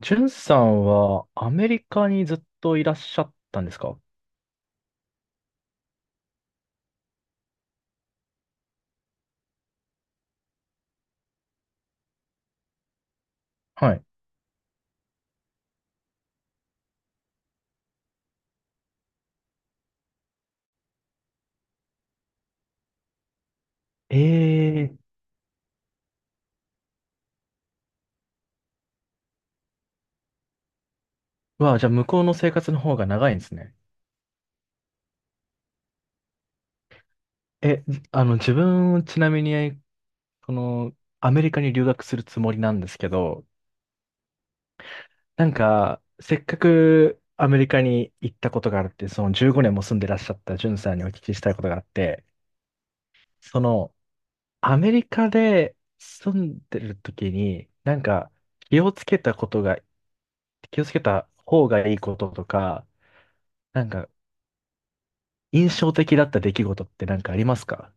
ジュンさんはアメリカにずっといらっしゃったんですか？はい。ええー、わあ、じゃあ向こうの生活の方が長いんですね。え、じあの、自分、ちなみに、この、アメリカに留学するつもりなんですけど、なんか、せっかくアメリカに行ったことがあるって、その15年も住んでらっしゃったジュンさんにお聞きしたいことがあって、その、アメリカで住んでる時に、なんか、気をつけたことが、気をつけた方がいいこととか、なんか、印象的だった出来事ってなんかありますか？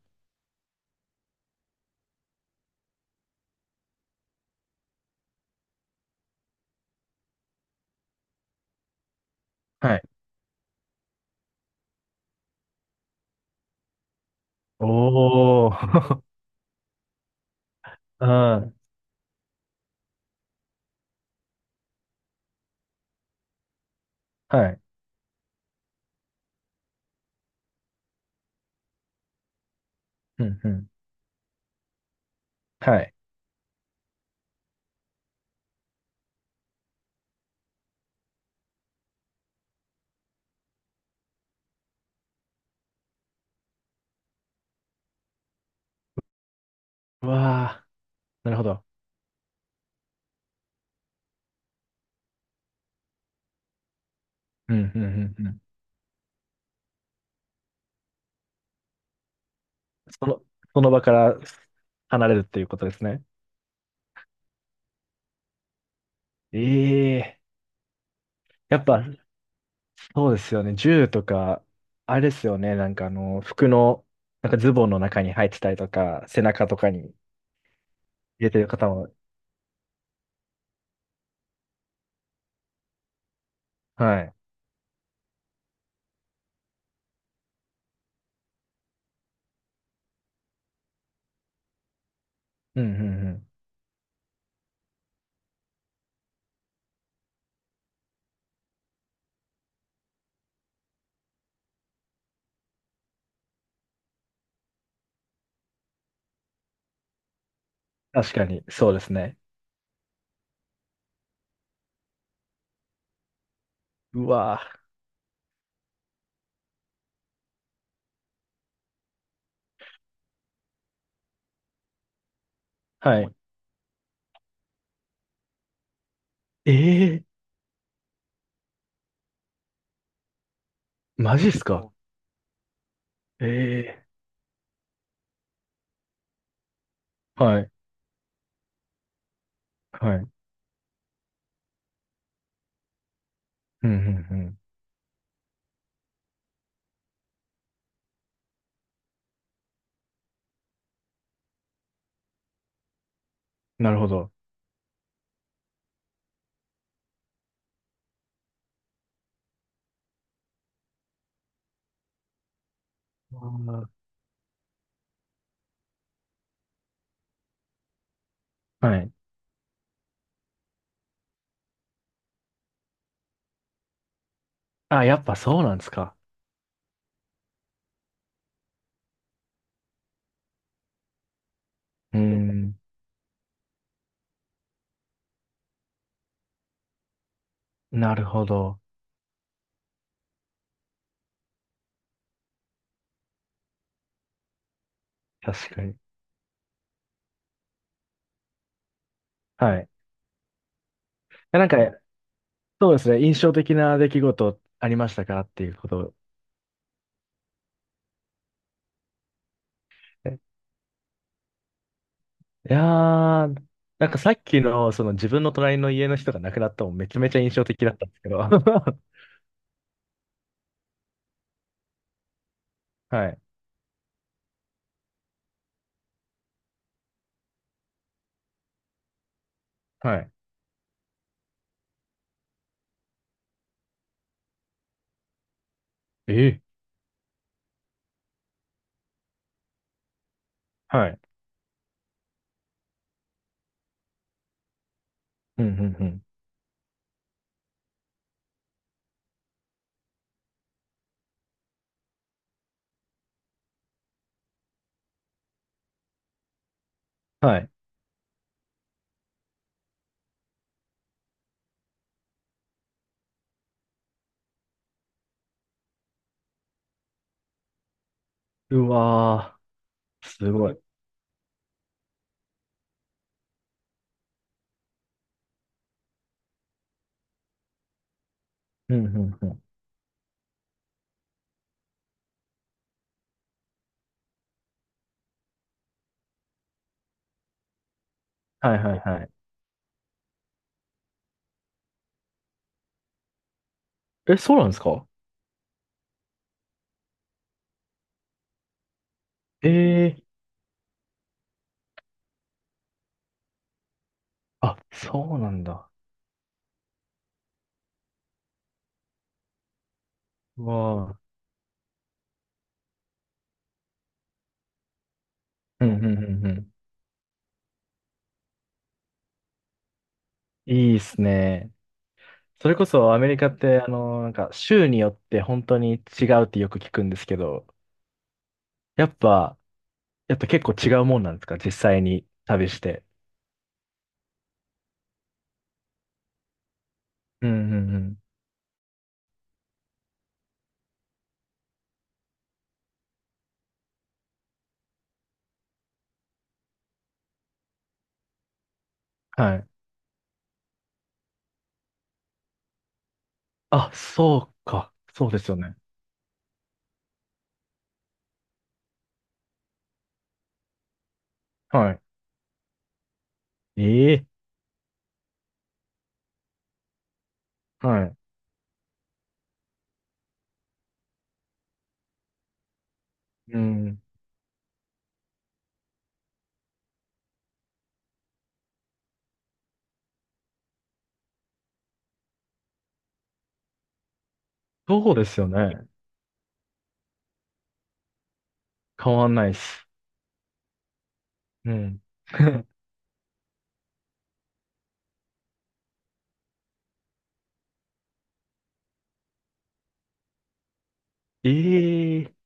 はい。おー。うん。はい。うん、うん。はい。うわー。なるほど。うん、うん、うん、うん。その、その場から離れるっていうことですね。ええ、やっぱ、そうですよね。銃とか、あれですよね。なんかあの、服の、なんかズボンの中に入ってたりとか、背中とかに入れてる方も。はい。うん、うん、うん。確かに、そうですね。うわー。はい。ええ、マジっすか？ええー、はい、はい。うん、うん、うん。なるほど。あー、はい。あ、やっぱそうなんですか？うーん、なるほど。確かに。はい。なんか、そうですね。印象的な出来事ありましたかっていうことを。え、いやー、なんかさっきの、その自分の隣の家の人が亡くなったのもめちゃめちゃ印象的だったんですけど。はい、はい。ええ、はい。うん、うん、うん。はい。うわー、すごい。うん、うん、うん。はい、はい、はい。え、そうなんですか？ええ、あ、そうなんだ。うわあ。うんうんうんうん。いいっすね。それこそアメリカって、あの、なんか州によって本当に違うってよく聞くんですけど、やっぱ、やっぱ結構違うもんなんですか？実際に旅して。うんうんうん。はい。あ、そうか。そうですよね。はい。ええ、はい。うん。そうですよね。変わんないっす。うん。ええ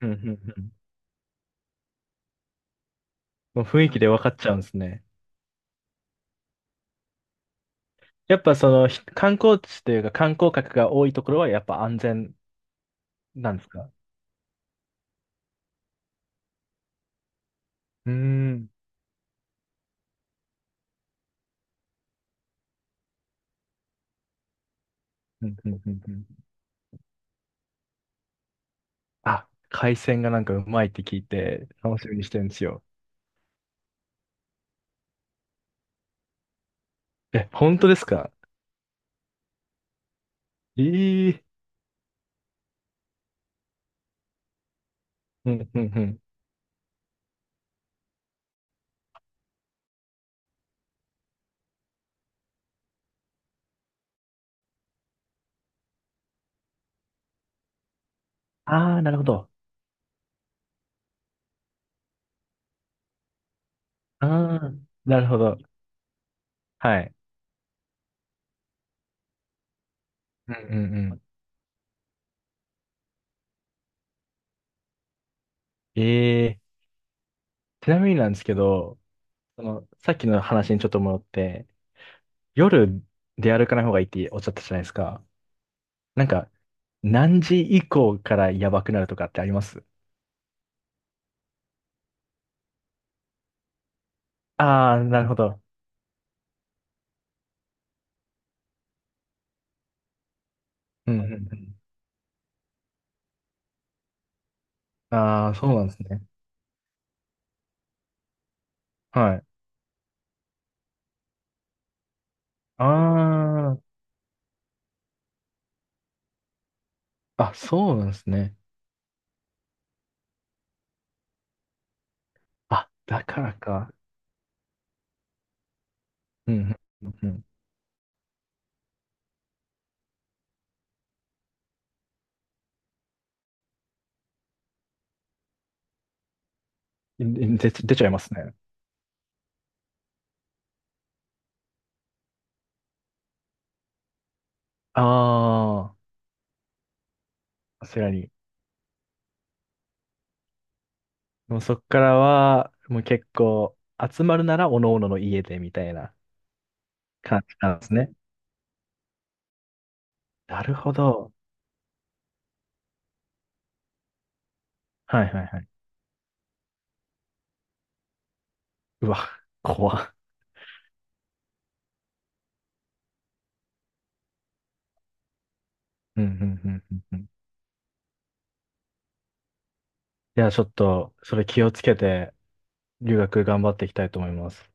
うんうんうん。もう雰囲気で分かっちゃうんですね。やっぱその観光地というか観光客が多いところはやっぱ安全なんですか？うーん。うんうんうんうん。あ、海鮮がなんかうまいって聞いて楽しみにしてるんですよ。え、本当ですか？ええ、うんうんうん。ああ、なるほど。ああ、なるほど。はい。うんうんうん。ええ、ちなみになんですけど、その、さっきの話にちょっと戻って、夜出歩かない方がいいっておっしゃったじゃないですか。なんか、何時以降からやばくなるとかってあります？ああー、なるほど。うんうんうん。ああ、そうなんですね。はい。ああ、あ、そうなんですね。あ、だからか。うんうんうん。うんで、出ちゃいますね。ああ、さすがに。もうそっからは、もう結構、集まるなら、おのおのの家で、みたいな感じなんですね。なるほど。はいはいはい。うわ、怖っ。うんうんうんうんうん。いや、ちょっと、それ気をつけて、留学頑張っていきたいと思います。